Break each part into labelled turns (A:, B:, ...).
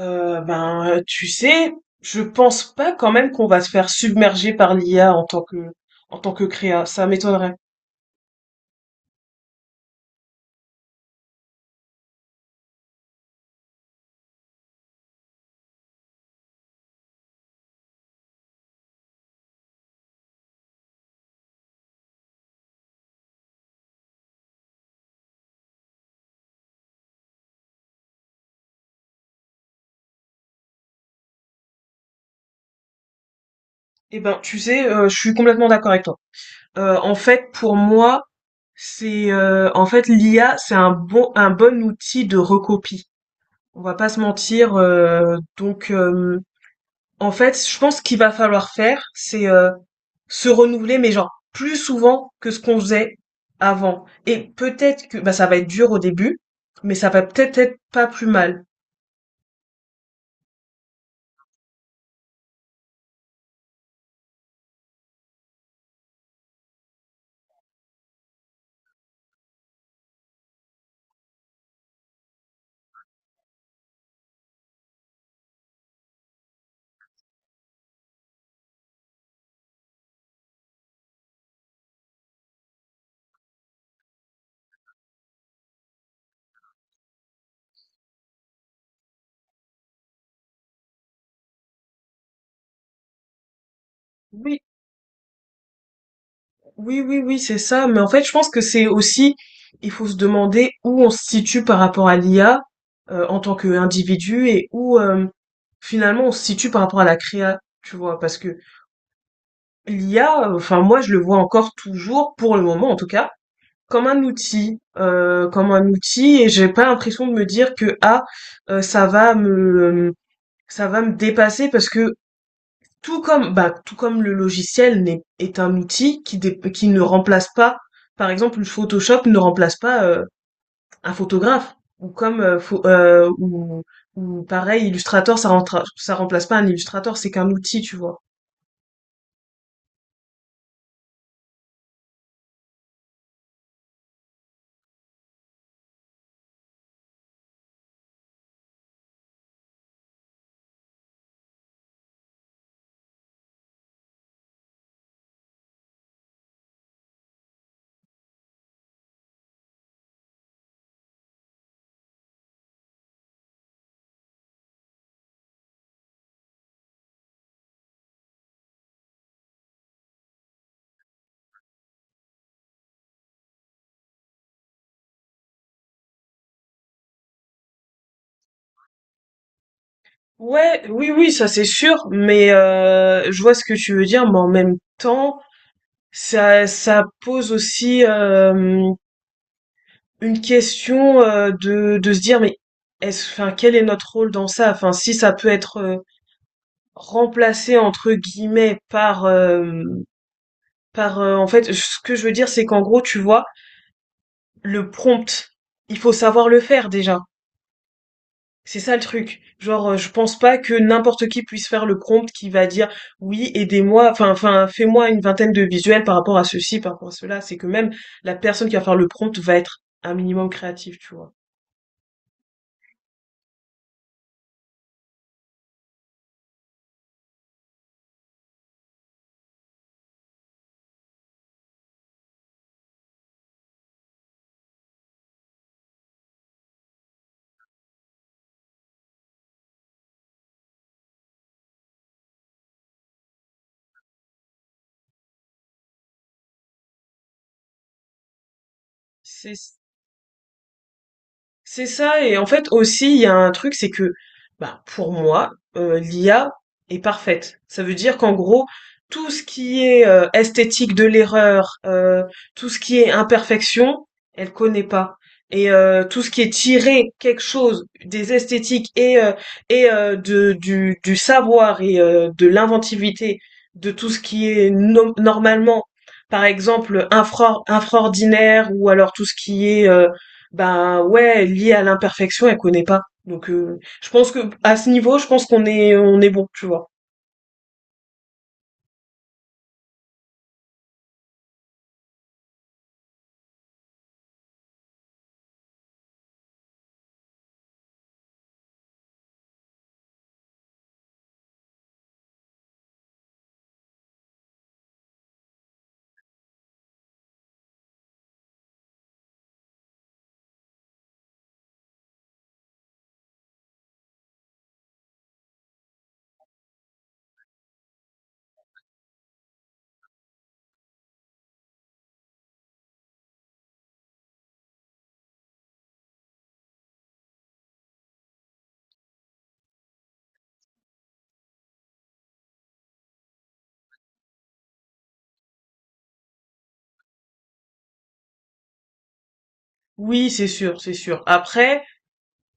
A: Ben, tu sais, je pense pas quand même qu'on va se faire submerger par l'IA en tant que créa. Ça m'étonnerait. Eh ben, tu sais, je suis complètement d'accord avec toi. En fait, pour moi, c'est en fait l'IA, c'est un bon outil de recopie. On va pas se mentir. Donc, en fait, je pense qu'il va falloir faire, c'est se renouveler, mais genre plus souvent que ce qu'on faisait avant. Et peut-être que bah, ça va être dur au début, mais ça va peut-être être pas plus mal. Oui, oui, oui, oui, c'est ça. Mais en fait, je pense que c'est aussi, il faut se demander où on se situe par rapport à l'IA en tant qu'individu et où finalement on se situe par rapport à la créa, tu vois, parce que l'IA, enfin moi je le vois encore toujours, pour le moment en tout cas, comme un outil et j'ai pas l'impression de me dire que: «Ah, heu, ça va me ça va me dépasser» parce que tout comme le logiciel n'est est un outil qui ne remplace pas par exemple, le Photoshop ne remplace pas, un photographe ou comme, pho ou pareil Illustrator ça remplace pas un illustrateur c'est qu'un outil, tu vois? Ouais, oui, oui, ça c'est sûr, mais je vois ce que tu veux dire, mais en même temps, ça pose aussi, une question, de se dire: «Mais est-ce enfin, quel est notre rôle dans ça?» enfin, si ça peut être, «remplacé» entre guillemets en fait, ce que je veux dire, c'est qu'en gros, tu vois, le prompt, il faut savoir le faire déjà. C'est ça le truc. Genre, je pense pas que n'importe qui puisse faire le prompt qui va dire oui, aidez-moi, enfin, fais-moi une vingtaine de visuels par rapport à ceci, par rapport à cela. C'est que même la personne qui va faire le prompt va être un minimum créative, tu vois. C'est C'est ça et en fait aussi il y a un truc c'est que bah pour moi l'IA est parfaite. Ça veut dire qu'en gros tout ce qui est esthétique de l'erreur, tout ce qui est imperfection, elle connaît pas. Et tout ce qui est tiré quelque chose des esthétiques et de du savoir et de l'inventivité de tout ce qui est normalement par exemple infraordinaire ou alors tout ce qui est ben ouais, liée à l'imperfection, elle connaît pas. Donc je pense que à ce niveau, je pense qu'on est bon, tu vois. Oui, c'est sûr, c'est sûr. Après,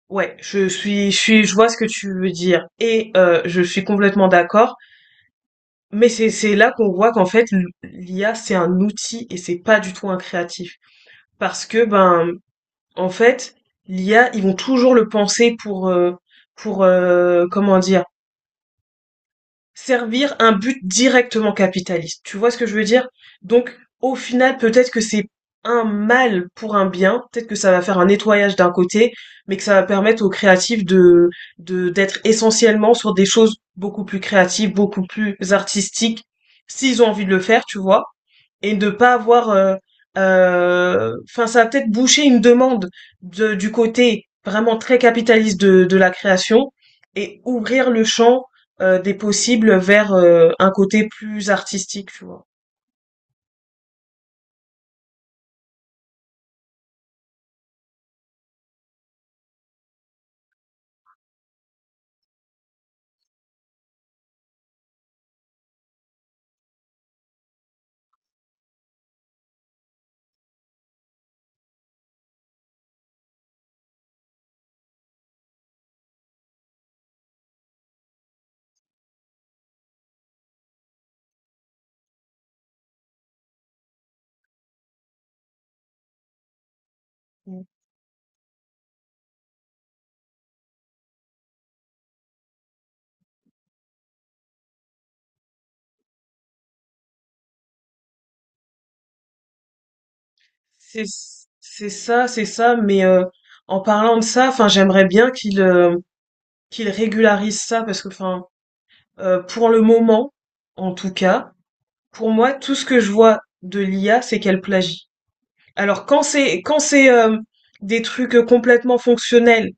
A: ouais, je vois ce que tu veux dire et je suis complètement d'accord, mais c'est là qu'on voit qu'en fait l'IA c'est un outil et c'est pas du tout un créatif parce que ben en fait, l'IA, ils vont toujours le penser pour comment dire, servir un but directement capitaliste. Tu vois ce que je veux dire? Donc, au final, peut-être que c'est un mal pour un bien, peut-être que ça va faire un nettoyage d'un côté, mais que ça va permettre aux créatifs d'être essentiellement sur des choses beaucoup plus créatives, beaucoup plus artistiques, s'ils ont envie de le faire, tu vois, et de pas avoir enfin ça va peut-être boucher une demande du côté vraiment très capitaliste de la création et ouvrir le champ des possibles vers un côté plus artistique, tu vois. Mm. C'est c'est ça, c'est ça. Mais en parlant de ça, enfin, j'aimerais bien qu'il régularise ça parce que, enfin, pour le moment, en tout cas, pour moi, tout ce que je vois de l'IA, c'est qu'elle plagie. Alors quand c'est des trucs complètement fonctionnels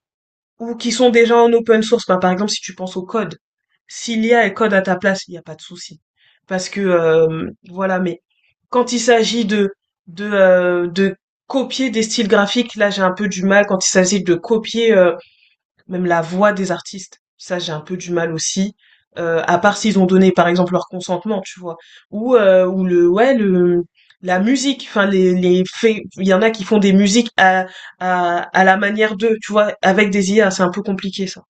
A: ou qui sont déjà en open source. Bah, par exemple, si tu penses au code, si l'I a elle code à ta place, il n'y a pas de souci. Parce que voilà, mais quand il s'agit de copier des styles graphiques, là j'ai un peu du mal. Quand il s'agit de copier même la voix des artistes. Ça, j'ai un peu du mal aussi. À part s'ils ont donné, par exemple, leur consentement, tu vois. Ou le, ouais, la musique. Enfin, les faits. Il y en a qui font des musiques à la manière d'eux, tu vois, avec des IA. C'est un peu compliqué, ça.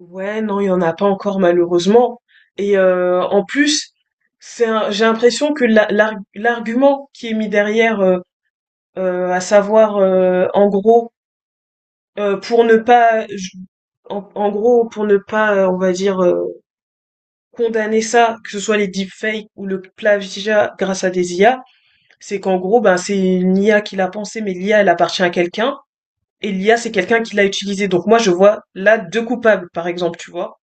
A: Ouais, non, il y en a pas encore malheureusement. Et en plus, j'ai l'impression que l'argument qui est mis derrière à savoir en gros pour ne pas je- en gros pour ne pas on va dire condamner ça, que ce soit les deepfakes ou le plagiat grâce à des IA, c'est qu'en gros ben c'est une IA qui l'a pensé, mais l'IA elle appartient à quelqu'un et l'IA c'est quelqu'un qui l'a utilisé, donc moi je vois là deux coupables par exemple, tu vois.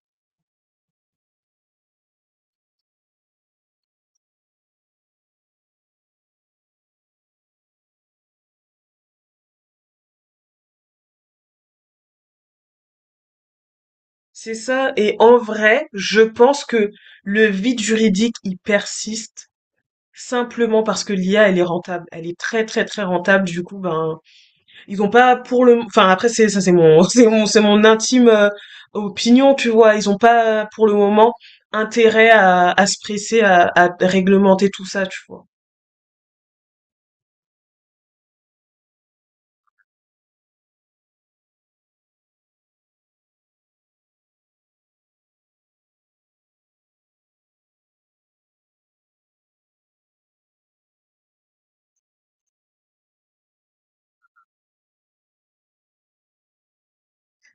A: C'est ça, et en vrai je pense que le vide juridique il persiste simplement parce que l'IA elle est rentable, elle est très très très rentable, du coup ben Ils ont pas pour le, enfin après c'est ça, c'est mon c'est mon intime opinion, tu vois. Ils ont pas pour le moment intérêt à se presser à réglementer tout ça, tu vois.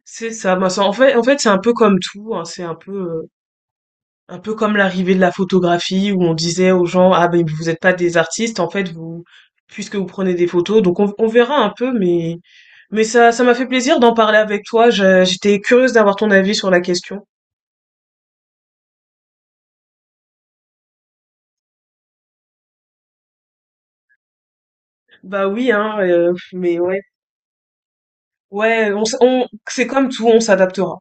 A: C'est ça. Moi, en fait c'est un peu comme tout. Hein, c'est un peu comme l'arrivée de la photographie où on disait aux gens ah ben vous êtes pas des artistes, en fait vous puisque vous prenez des photos, donc on verra un peu, mais ça m'a fait plaisir d'en parler avec toi. J'étais curieuse d'avoir ton avis sur la question. Bah oui hein, mais ouais. Ouais, c'est comme tout, on s'adaptera.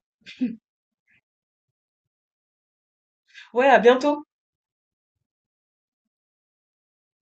A: Ouais, à bientôt.